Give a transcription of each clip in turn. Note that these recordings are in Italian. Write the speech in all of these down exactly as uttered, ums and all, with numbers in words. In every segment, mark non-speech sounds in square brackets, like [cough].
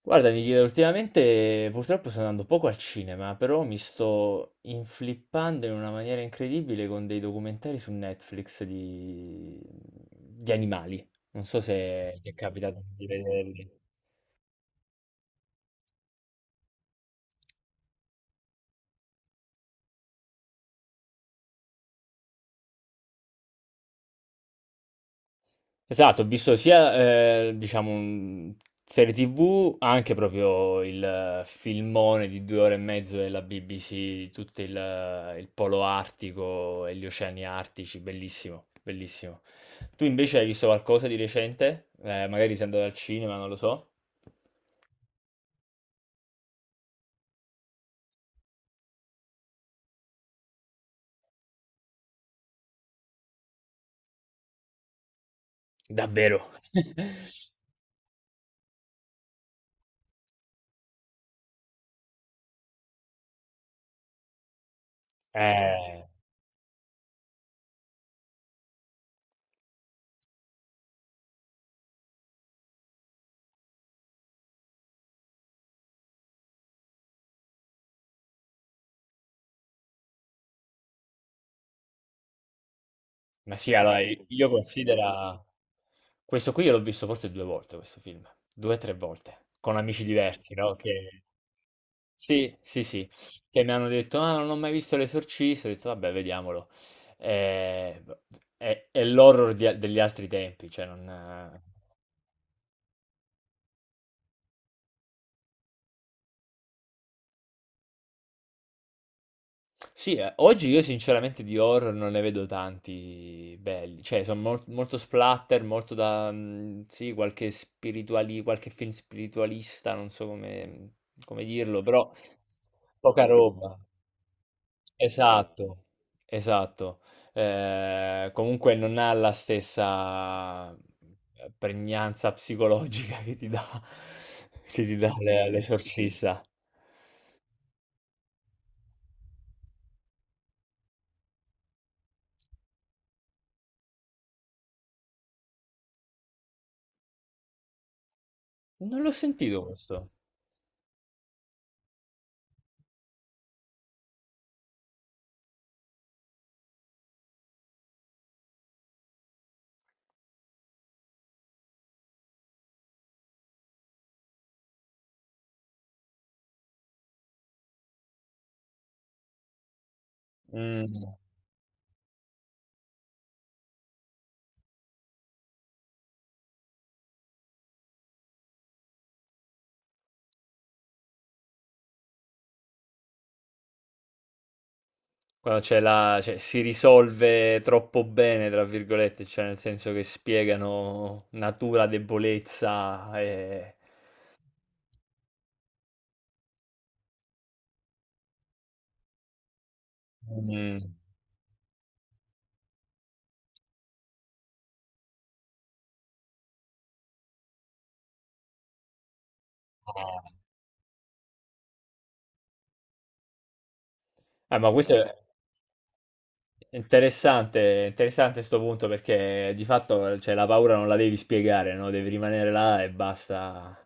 Guarda, Michele, ultimamente purtroppo sto andando poco al cinema, però mi sto inflippando in una maniera incredibile con dei documentari su Netflix di, di animali. Non so se ti è capitato di vederli. Esatto, ho visto sia, eh, diciamo, un- serie T V, anche proprio il eh, filmone di due ore e mezzo della B B C, tutto il, eh, il polo artico e gli oceani artici, bellissimo, bellissimo. Tu invece hai visto qualcosa di recente? Eh, magari sei andato al cinema, non lo so. Davvero? [laughs] Eh, ma sì, allora, io considero... Questo qui io l'ho visto forse due volte questo film, due o tre volte, con amici diversi, no, che sì, sì, sì, che mi hanno detto: "Ah, non ho mai visto L'esorcista", ho detto: "Vabbè, vediamolo". Ehm, v è è l'horror di a degli altri tempi, cioè non eh. Sì, ehm, oggi io sinceramente di horror non ne vedo tanti belli, cioè son mol molto splatter, molto da, mhmm, sì, qualche spirituali qualche film spiritualista, non so come come dirlo, però poca roba. Esatto, esatto. Ehm, comunque non ha la stessa, ehm, pregnanza psicologica che ti dà [laughs] che ti dà l'e l'Esorcista. Non l'ho sentito questo. Mhmm. Quando c'è la cioè si risolve "troppo bene" tra virgolette, cioè nel senso che spiegano natura, debolezza e mhmm, eh. Eh, ma questo è interessante, interessante sto punto perché di fatto cioè, la paura non la devi spiegare, no? Devi rimanere là e basta.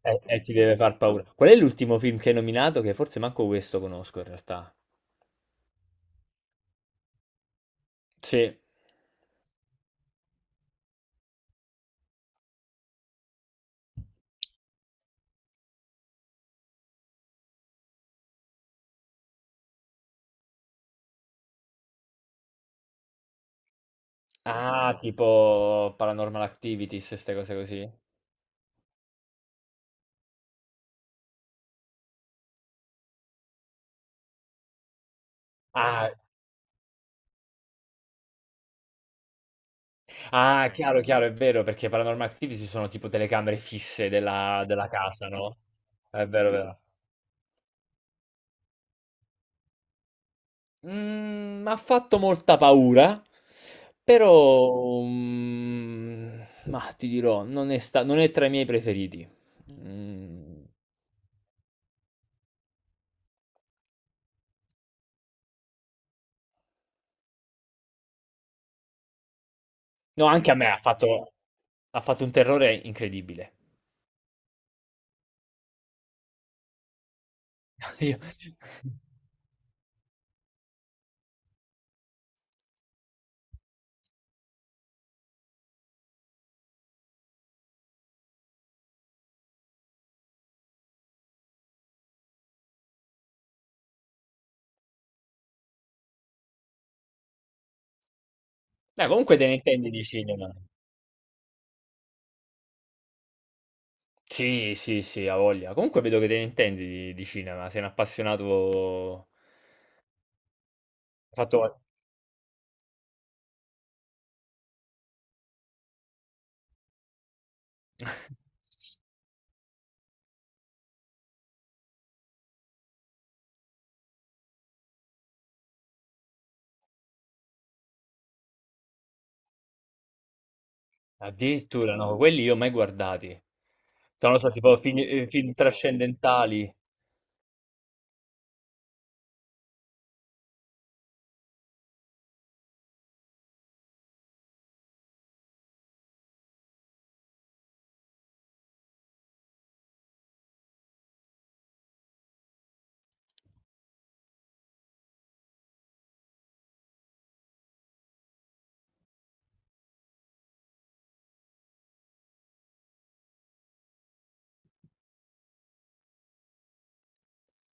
E, e ti deve far paura. Qual è l'ultimo film che hai nominato? Che forse manco questo conosco in realtà. Sì. Ah, tipo Paranormal Activities, queste cose così. Ah, ah, chiaro, chiaro, è vero, perché Paranormal Activities sono tipo telecamere fisse della, della casa, no? È vero, è vero. Mm, m'ha fatto molta paura, però mm, ma ti dirò, non è, sta- non è tra i miei preferiti. Mm, no, anche a me ha fatto, ha fatto un terrore incredibile. [laughs] Io- Dai, comunque te ne intendi di cinema. Sì, sì, sì, ha voglia. Comunque vedo che te ne intendi di, di cinema, sei un appassionato... Hai fatto... [laughs] Addirittura, no, quelli io mai guardati. Sono stati tipo film, eh, film trascendentali.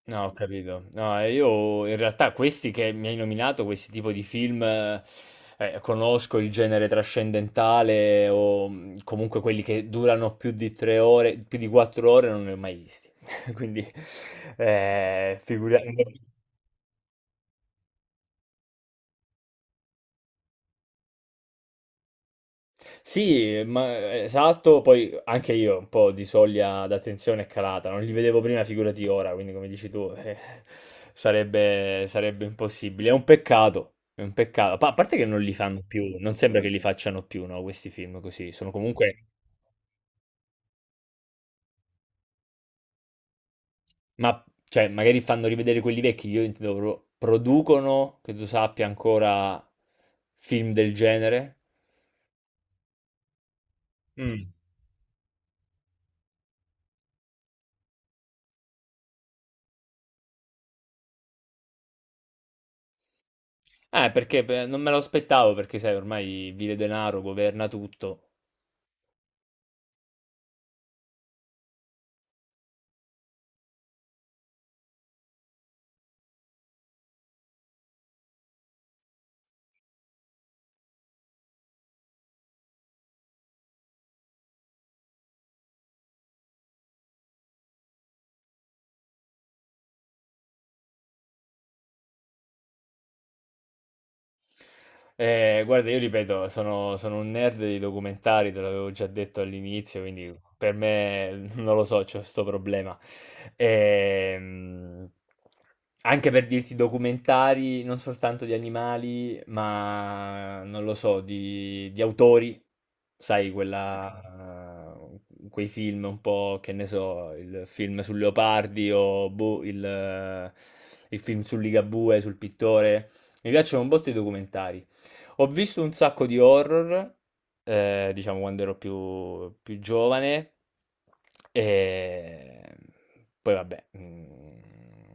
No, ho capito. No, e io in realtà questi che mi hai nominato, questi tipo di film, eh, eh, conosco il genere trascendentale o mm, comunque quelli che durano più di tre ore, più di quattro ore, non ne ho mai visti. [laughs] Quindi, eh, figuriamoci. Sì, ma eh, esatto, poi anche io un po' di soglia d'attenzione è calata, non li vedevo prima, figurati ora, quindi come dici tu, eh, sarebbe, sarebbe impossibile. È un peccato, è un peccato. Pa- a parte che non li fanno più, non sembra che li facciano più, no, questi film così. Sono comunque, ma cioè, magari fanno rivedere quelli vecchi, io intendo pro- producono, che tu sappia, ancora film del genere. Mm. Eh, perché beh, non me lo aspettavo, perché sai, ormai vile denaro governa tutto. Eh, guarda, io ripeto, sono, sono un nerd dei documentari, te l'avevo già detto all'inizio, quindi per me [laughs] non lo so, c'ho questo problema. Ehm, anche per dirti documentari, non soltanto di animali, ma non lo so, di, di autori, sai, quella, quei film un po', che ne so, il film sul Leopardi o boh, il, il film sul Ligabue, sul pittore. Mi piacciono un botto i documentari. Ho visto un sacco di horror, eh, diciamo quando ero più, più giovane, e poi vabbè, mm,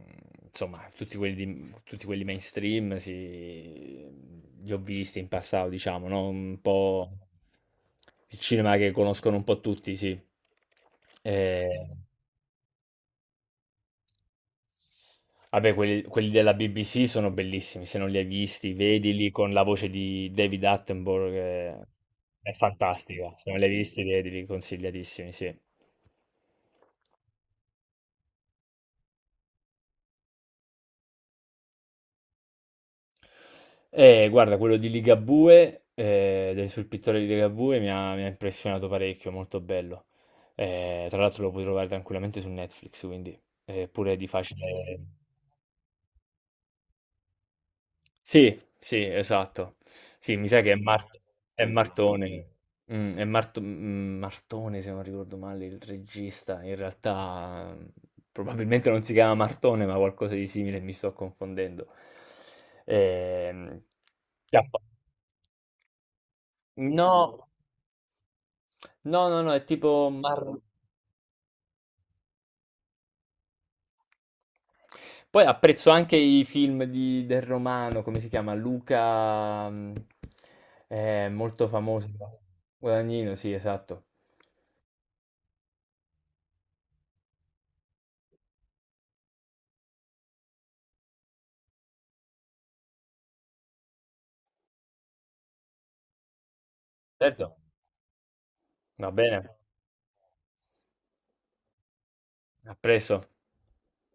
insomma, tutti quelli, di- tutti quelli mainstream sì, li ho visti in passato, diciamo, no? Un po' il cinema che conoscono un po' tutti, sì. Eh, Vabbè, quelli, quelli della B B C sono bellissimi, se non li hai visti, vedili con la voce di David Attenborough, che è fantastica. Se non li hai visti, vedili, consigliatissimi, sì. E guarda, quello di Ligabue, eh, del- sul pittore di Ligabue, mi ha, mi ha impressionato parecchio, molto bello. Eh, tra l'altro lo puoi trovare tranquillamente su Netflix, quindi è pure di facile... Sì, sì, esatto. Sì, mi sa che è Mart è Martone. Mh, è Mart mhmm, Martone se non ricordo male il regista. In realtà, mhmm, probabilmente non si chiama Martone, ma qualcosa di simile e mi sto confondendo. Ehm, no, no, no, no, è tipo Mar, poi apprezzo anche i film di del romano, come si chiama? Luca, mhmm, ehm, molto famoso. Guadagnino, sì, esatto. Certo, va bene. Ha preso.